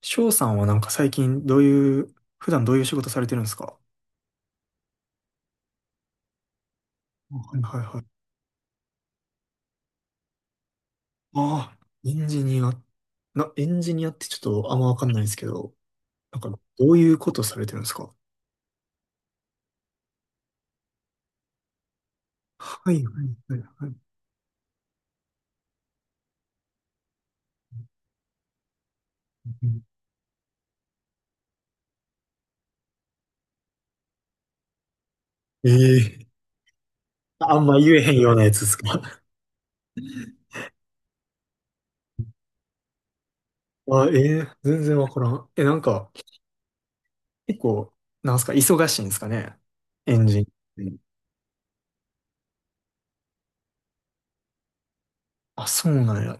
翔さんはなんか最近どういう、普段どういう仕事されてるんですか？はいはいはい。ああ、エンジニア、エンジニアってちょっとあんまわかんないですけど、なんかどういうことされてるんですか？はいはいはいはい。ええー、あんま言えへんようなやつですか？ あ、ええー、全然わからん。え、なんか結構、なんすか、忙しいんですかね、エンジンって。あ、そうなんや。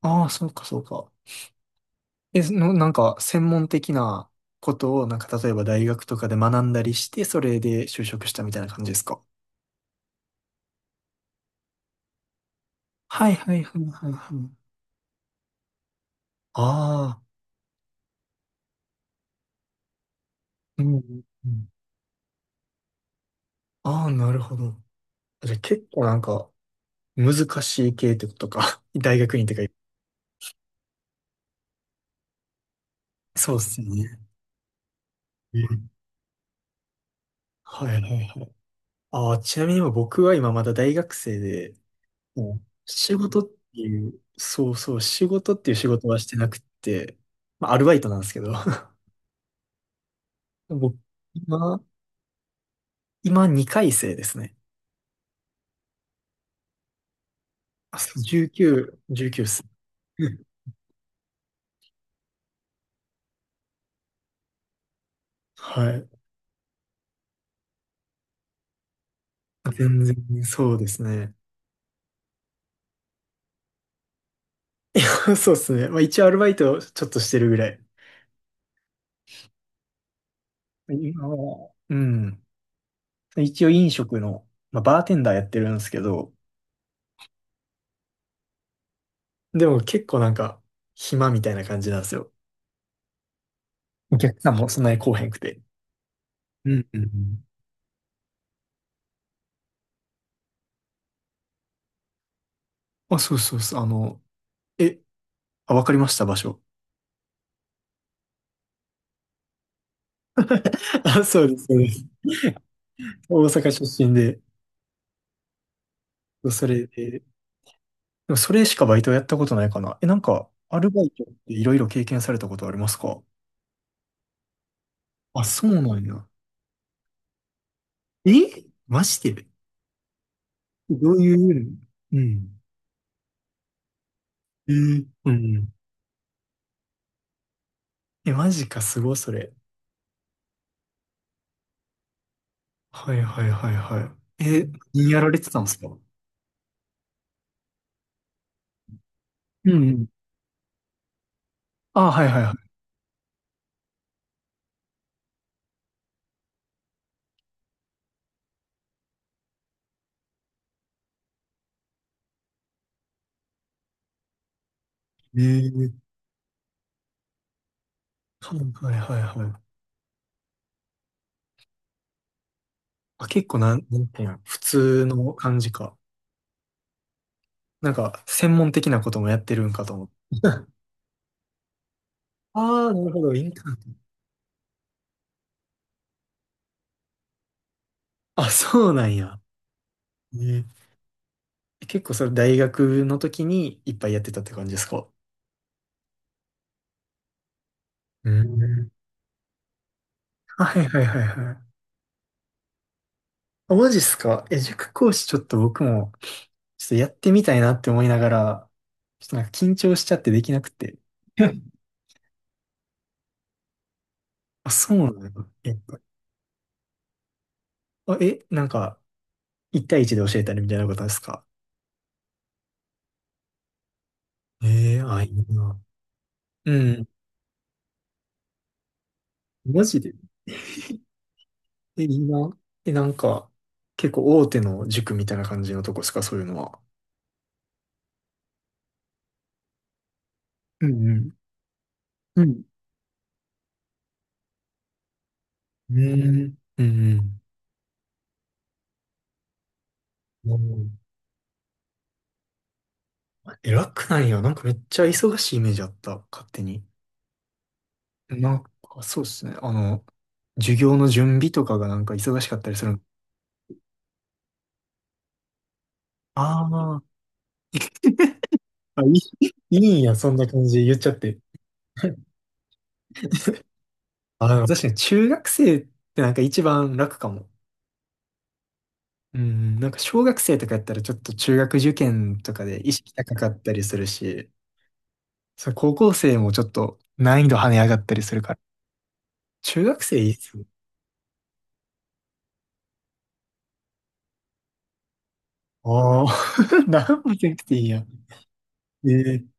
ああ、そうかそうか。え、その、なんか、専門的なことを、なんか、例えば大学とかで学んだりして、それで就職したみたいな感じですか？はいはいはいはいはい。ああ、うんうんうん。ああ、なるほど。じゃあ結構なんか、難しい系ってことか。大学院ってか、そうっすよね。うん、はいはいはい。ああ、ちなみに今僕は今まだ大学生で、もう仕事っていう、そうそう、仕事っていう仕事はしてなくて、まあ、アルバイトなんですけど、僕、今2回生ですね。あ、そう19、1っす。うん、はい。全然、そうですね。いや、そうですね。まあ一応アルバイトちょっとしてるぐらい。今は、うん。一応飲食の、まあ、バーテンダーやってるんですけど、でも結構なんか、暇みたいな感じなんですよ。お客さんもそんなに来おへんくて。うんうんうん。あ、そうそうそう。あの、え、あ、わかりました、場所。あ、そうです、そうです。大阪出身で、それで、でもそれしかバイトやったことないかな。え、なんか、アルバイトっていろいろ経験されたことありますか？あ、そうなんや。え、マジで、どういう意味？うん。えー、うんうん。え、マジか、すごい、それ。はいはいはいはい。え、何やられてたんですか？うんうん。あ、はいはいはい。えー、はいはいはいはい。あ、結構なんていうんや、普通の感じか。なんか、専門的なこともやってるんかと思って。ああ、なるほど、インターン。あ、そうなんや。えー結構それ大学の時にいっぱいやってたって感じですか？うん。はいはいはいはい。あ、マジっすか。え、塾講師ちょっと僕も、ちょっとやってみたいなって思いながら、ちょっとなんか緊張しちゃってできなくて。あ、そうなの。あ、え、なんか、一対一で教えたりみたいなことですか？ええー、あ、いいな。うん。マジで。え、いいな。え、なんか、結構大手の塾みたいな感じのとこですか、そういうのは。うんうん。うん。うん。うんうん。うん。え、楽なんや。なんかめっちゃ忙しいイメージあった。勝手に。なんか、そうっすね。あの、授業の準備とかがなんか忙しかったりする。ああ、あ、いいんや。そんな感じで言っちゃって。あ、でも確かに中学生ってなんか一番楽かも。うん、なんか小学生とかやったらちょっと中学受験とかで意識高かったりするし、そう、高校生もちょっと難易度跳ね上がったりするから。中学生いいっすよ。ああ、何もせなくていいやん。ええ、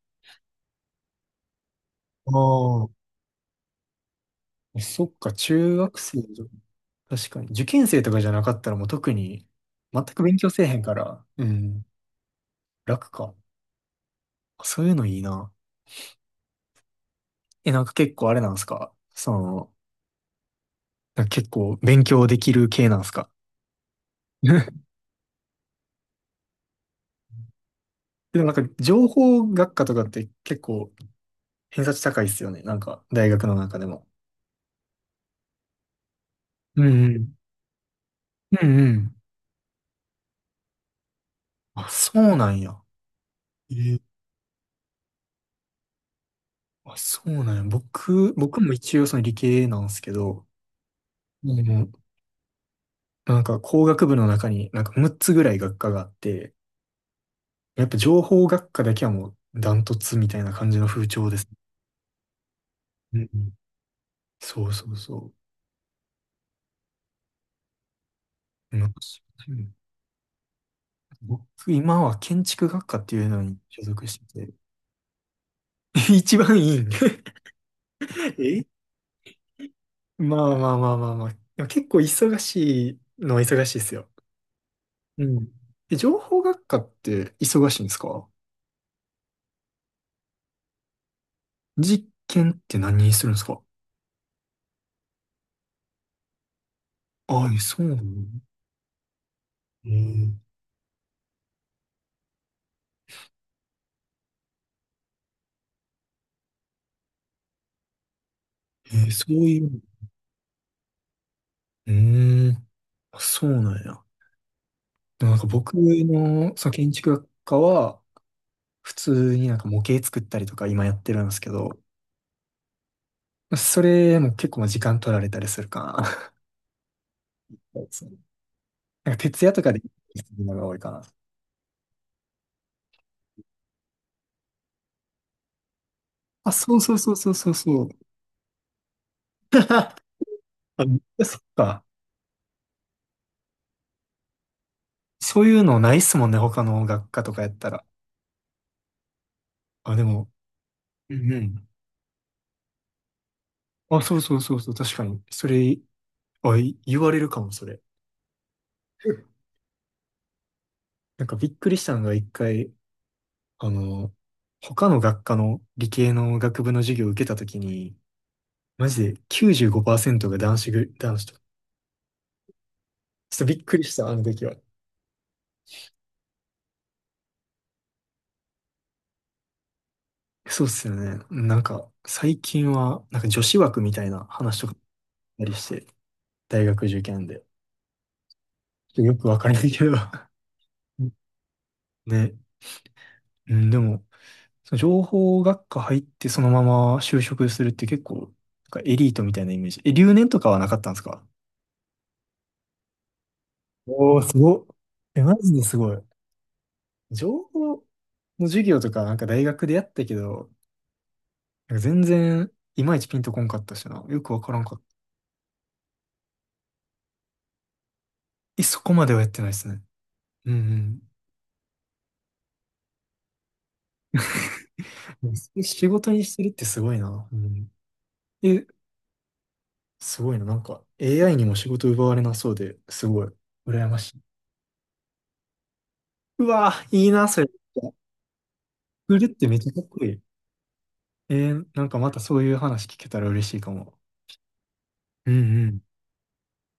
ああ、そっか、中学生じゃ、確かに。受験生とかじゃなかったらもう特に、全く勉強せえへんから、うん、楽か。そういうのいいな。え、なんか結構あれなんすか、その、なんか結構勉強できる系なんすか？ でもなんか情報学科とかって結構偏差値高いっすよね。なんか大学の中でも。うんうん。うんうん。あ、そうなんや。えーあ、そうなんや。僕も一応その理系なんですけど、うん、なんか工学部の中になんか6つぐらい学科があって、やっぱ情報学科だけはもうダントツみたいな感じの風潮です。うんうん。そうそうそう。昔、うん、僕、今は建築学科っていうのに所属してて、一番いいん？ え、まあまあまあまあまあ。でも結構忙しいのは忙しいですよ。うん。え、情報学科って忙しいんですか？実験って何するんですか？ああ、え、そうなの。えーそういう。うーん。あ、そうなんや。でもなんか僕のその建築学科は、普通になんか模型作ったりとか今やってるんですけど、それも結構まあ時間取られたりするかな。そうですね。 なんか徹夜とかでやるのが多いかな。あ、そうそうそうそうそうそう。あ、そっか。そういうのないっすもんね、他の学科とかやったら。あ、でも、うんうん。あ、そうそうそうそう、確かに。それ、あ、言われるかも、それ。なんかびっくりしたのが一回、あの、他の学科の理系の学部の授業を受けたときに、マジで95%が男子と。ちょっとびっくりした、あの時は。そうっすよね。なんか、最近は、なんか女子枠みたいな話とかあったりして、大学受験で。ちょっとよくわからないけど。ね。うん、でも、その情報学科入ってそのまま就職するって結構、なんかエリートみたいなイメージ。え、留年とかはなかったんですか？おー、すごっ。え、マジですごい。情報の授業とか、なんか大学でやったけど、なんか全然、いまいちピンとこんかったしな。よくわからんかった。え、そこまではやってないですね。うんうん。仕事にしてるってすごいな。うん。え、すごいな。なんか、AI にも仕事奪われなそうで、すごい、羨ましい。うわぁ、いいな、それ。フルってめっちゃかっこいい。なんかまたそういう話聞けたら嬉しいかも。うんうん。